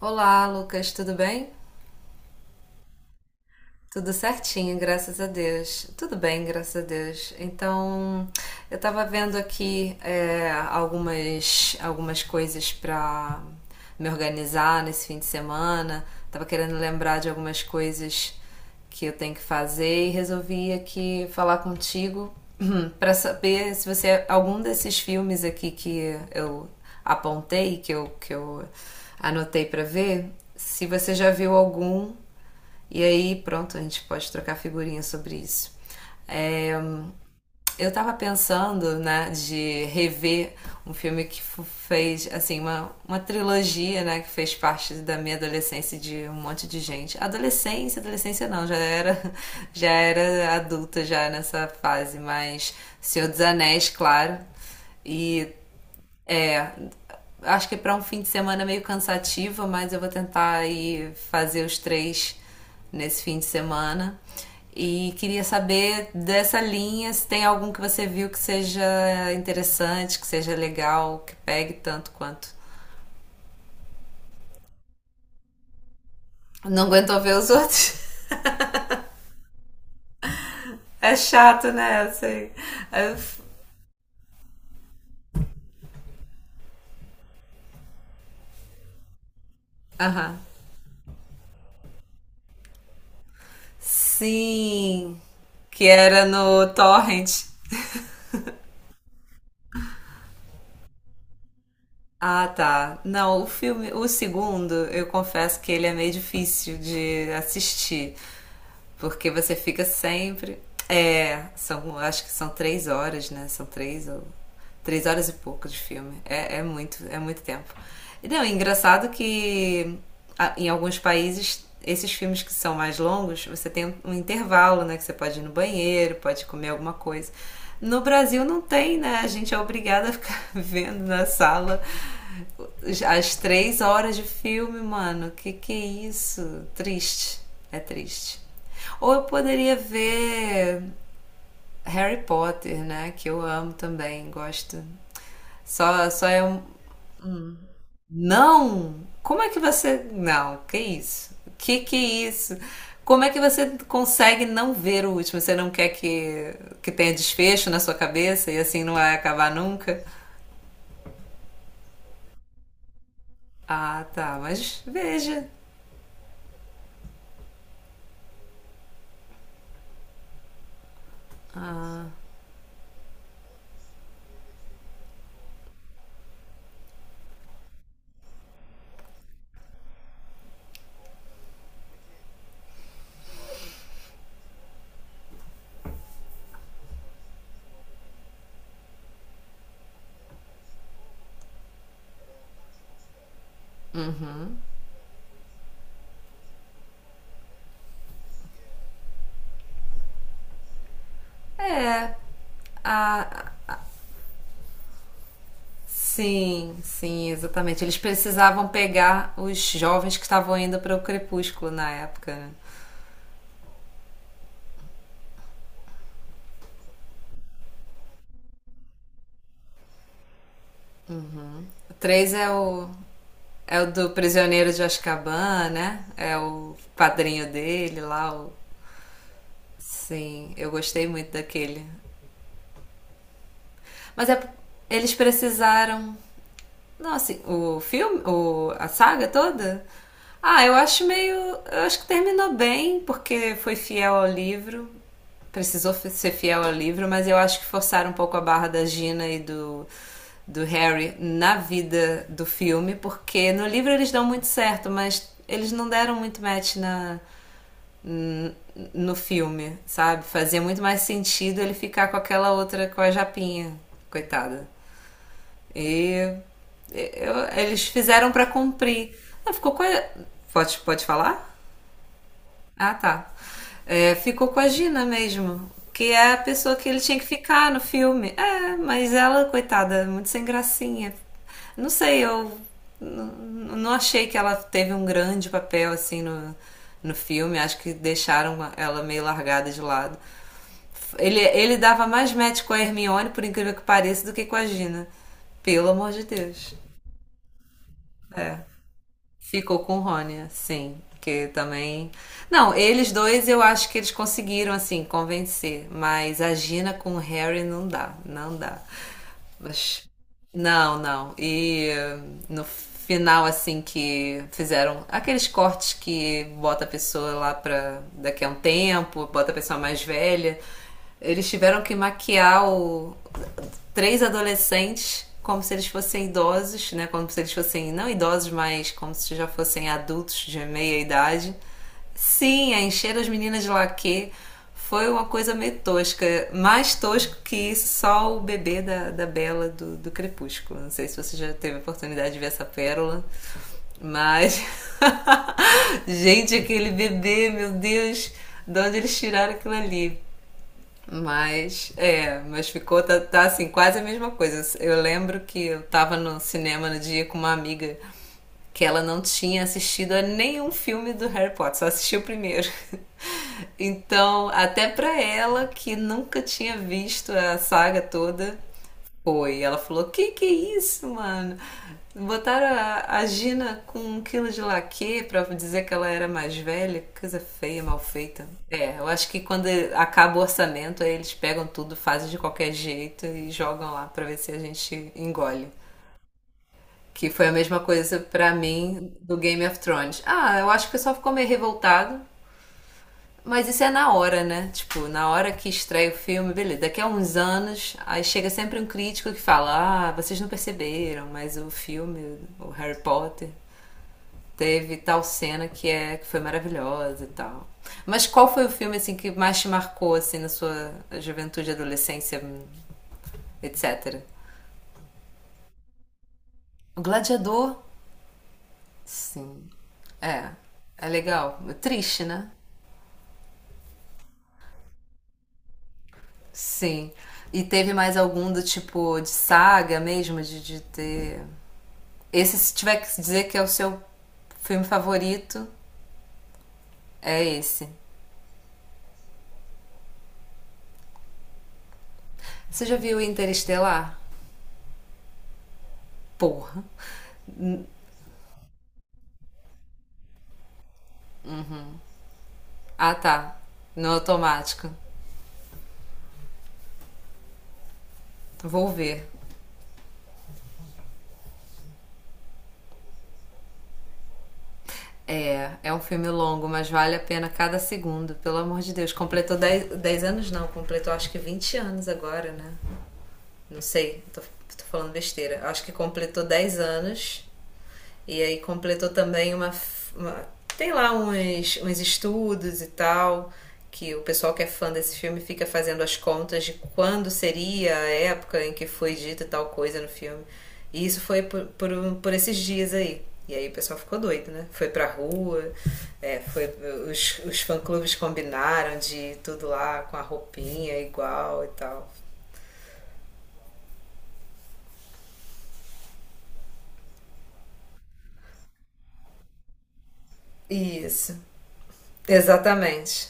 Olá, Lucas, tudo bem? Tudo certinho, graças a Deus. Tudo bem, graças a Deus. Então, eu tava vendo aqui algumas coisas pra me organizar nesse fim de semana. Tava querendo lembrar de algumas coisas que eu tenho que fazer e resolvi aqui falar contigo pra saber se você algum desses filmes aqui que eu apontei, que eu anotei pra ver, se você já viu algum e aí, pronto, a gente pode trocar figurinha sobre isso. É, eu tava pensando, né, de rever um filme que fez, assim, uma trilogia, né, que fez parte da minha adolescência de um monte de gente. Adolescência, adolescência não, já era, já era adulta já nessa fase, mas Senhor dos Anéis, claro, e é, acho que é para um fim de semana meio cansativo, mas eu vou tentar aí fazer os três nesse fim de semana. E queria saber dessa linha, se tem algum que você viu que seja interessante, que seja legal, que pegue tanto quanto. Não aguentou ver os outros? É chato, né? Assim. É- f- Aham. Sim, que era no Torrent. Ah, tá. Não, o filme, o segundo, eu confesso que ele é meio difícil de assistir. Porque você fica sempre. É, são, acho que são 3 horas, né? São três ou. Três horas e pouco de filme. É, é muito tempo. E não, é engraçado que em alguns países, esses filmes que são mais longos, você tem um intervalo, né? Que você pode ir no banheiro, pode comer alguma coisa. No Brasil não tem, né? A gente é obrigada a ficar vendo na sala as três horas de filme, mano. Que é isso? Triste. É triste. Ou eu poderia ver Harry Potter, né? Que eu amo também, gosto. Só é um. Não! Como é que você. Não, que isso? Que é isso? Como é que você consegue não ver o último? Você não quer que tenha desfecho na sua cabeça e assim não vai acabar nunca? Ah, tá, mas veja. É, a Sim, sim, exatamente. Eles precisavam pegar os jovens que estavam indo para o Crepúsculo na época, né? O 3 é o do Prisioneiro de Azkaban, né? É o padrinho dele lá. Sim, eu gostei muito daquele. Mas eles precisaram Não, assim, o filme, a saga toda? Ah, eu acho meio. Eu acho que terminou bem, porque foi fiel ao livro. Precisou ser fiel ao livro, mas eu acho que forçaram um pouco a barra da Gina e do Harry na vida do filme, porque no livro eles dão muito certo, mas eles não deram muito match n- no filme, sabe? Fazia muito mais sentido ele ficar com aquela outra, com a Japinha, coitada. E eles fizeram pra cumprir. Ah, ficou com a... Pode falar? Ah, tá. É, ficou com a Gina mesmo, que é a pessoa que ele tinha que ficar no filme. É, mas ela, coitada, muito sem gracinha. Não sei, eu n- não achei que ela teve um grande papel assim no filme. Acho que deixaram ela meio largada de lado. Ele dava mais match com a Hermione, por incrível que pareça, do que com a Gina. Pelo amor de Deus. Ficou com o Rony, sim. Que também. Não, eles dois eu acho que eles conseguiram, assim, convencer. Mas a Gina com o Harry não dá, não dá. Mas não, não. E no final, assim, que fizeram aqueles cortes que bota a pessoa lá pra daqui a um tempo, bota a pessoa mais velha. Eles tiveram que maquiar três adolescentes como se eles fossem idosos, né? Como se eles fossem, não idosos, mas como se já fossem adultos de meia idade. Sim, a encher as meninas de laquê foi uma coisa meio tosca. Mais tosco que só o bebê da Bela do Crepúsculo. Não sei se você já teve a oportunidade de ver essa pérola, mas. Gente, aquele bebê, meu Deus, de onde eles tiraram aquilo ali? Mas ficou, tá, tá, assim, quase a mesma coisa. Eu lembro que eu tava no cinema no dia com uma amiga que ela não tinha assistido a nenhum filme do Harry Potter, só assistiu o primeiro. Então, até pra ela que nunca tinha visto a saga toda, foi. Ela falou: que é isso, mano? Botaram a Gina com um quilo de laque pra dizer que ela era mais velha. Que coisa feia, mal feita. É, eu acho que quando acaba o orçamento, aí eles pegam tudo, fazem de qualquer jeito e jogam lá pra ver se a gente engole. Que foi a mesma coisa pra mim do Game of Thrones. Ah, eu acho que o pessoal ficou meio revoltado, mas isso é na hora, né? Tipo, na hora que estreia o filme, beleza. Daqui a uns anos, aí chega sempre um crítico que fala: Ah, vocês não perceberam, mas o filme, o Harry Potter, teve tal cena que foi maravilhosa e tal. Mas qual foi o filme assim que mais te marcou assim na sua juventude, adolescência, etc? O Gladiador? Sim. É. É legal. É triste, né? Sim. E teve mais algum do tipo de saga mesmo, de ter Esse, se tiver que dizer que é o seu filme favorito, é esse. Você já viu Interestelar? Porra. Ah, tá. No automático. Vou ver. É, é um filme longo, mas vale a pena cada segundo, pelo amor de Deus. Completou 10 10 anos, não, completou acho que 20 anos agora, né? Não sei, tô falando besteira. Acho que completou 10 anos. E aí completou também uma- tem lá uns estudos e tal, que o pessoal que é fã desse filme fica fazendo as contas de quando seria a época em que foi dita tal coisa no filme. E isso foi por esses dias aí. E aí o pessoal ficou doido, né? Foi pra rua, é, foi, os fã-clubes combinaram de ir tudo lá com a roupinha igual e tal. Isso, exatamente.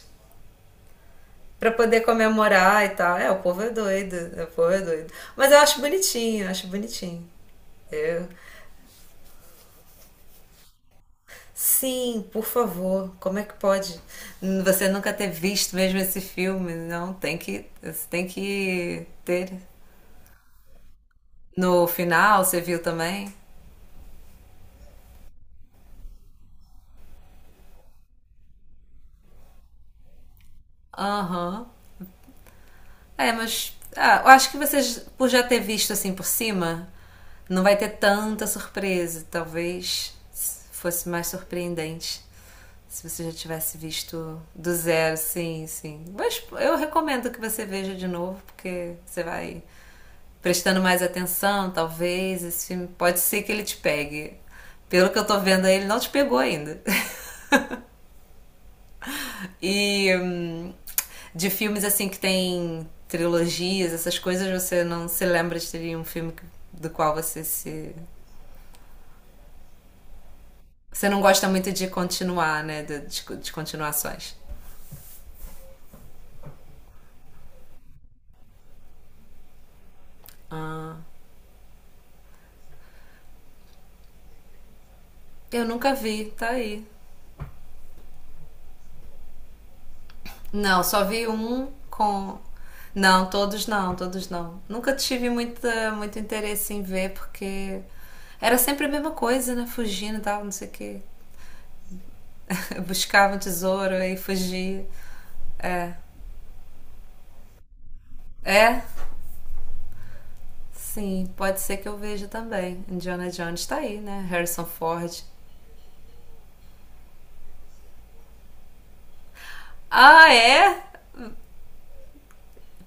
Pra poder comemorar e tal. É, o povo é doido, é, o povo é doido. Mas eu acho bonitinho, eu acho bonitinho. Eu... Sim, por favor, como é que pode você nunca ter visto mesmo esse filme? Não, tem que, você tem que ter. No final, você viu também? Aham. É, mas ah, eu acho que vocês, por já ter visto assim por cima, não vai ter tanta surpresa. Talvez fosse mais surpreendente se você já tivesse visto do zero, sim, sim. Mas eu recomendo que você veja de novo, porque você vai prestando mais atenção, talvez. Esse filme pode ser que ele te pegue. Pelo que eu tô vendo aí, ele não te pegou ainda. E de filmes assim que tem trilogias, essas coisas, você não se lembra de ter um filme do qual você se. Você não gosta muito de continuar, né? De continuações. Eu nunca vi, tá aí. Não, só vi um com. Não, todos não, todos não. Nunca tive muita, muito interesse em ver, porque era sempre a mesma coisa, né? Fugindo e tal, não sei o quê. Buscava um tesouro e fugia. É. É, sim, pode ser que eu veja também. Indiana Jones tá aí, né? Harrison Ford. Ah, é?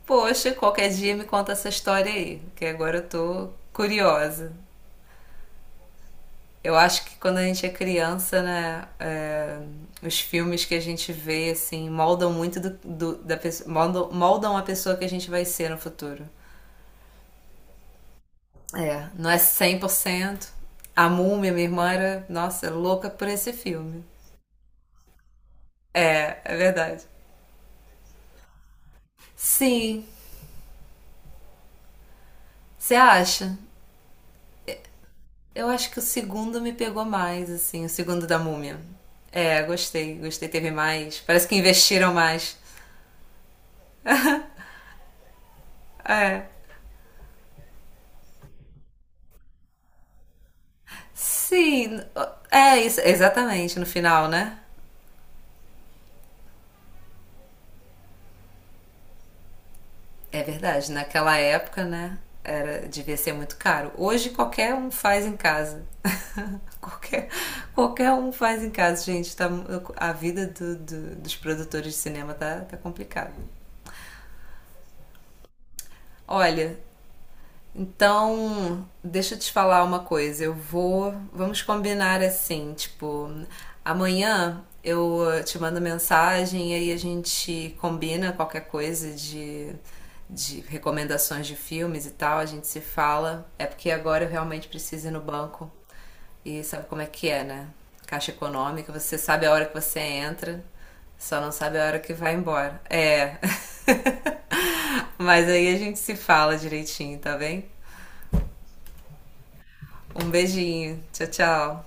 Poxa, qualquer dia me conta essa história aí, que agora eu tô curiosa. Eu acho que quando a gente é criança, né, os filmes que a gente vê, assim, moldam muito da pessoa, moldam, moldam a pessoa que a gente vai ser no futuro. É, não é 100% A Múmia, minha irmã, era, nossa, louca por esse filme. É, é verdade. Sim, você acha? Eu acho que o segundo me pegou mais, assim, o segundo da Múmia. É, gostei, gostei, teve mais. Parece que investiram mais. É. Sim, é isso, exatamente, no final, né? É verdade, naquela época, né? Era, devia ser muito caro. Hoje qualquer um faz em casa. Qualquer, qualquer um faz em casa, gente. Tá, a vida dos produtores de cinema tá complicada. Olha, Então, deixa eu te falar uma coisa. Eu vou. Vamos combinar assim, tipo, amanhã eu te mando mensagem e aí a gente combina qualquer coisa de recomendações de filmes e tal. A gente se fala. É porque agora eu realmente preciso ir no banco. E sabe como é que é, né? Caixa econômica, você sabe a hora que você entra, só não sabe a hora que vai embora. É. Mas aí a gente se fala direitinho, tá bem? Um beijinho. Tchau, tchau.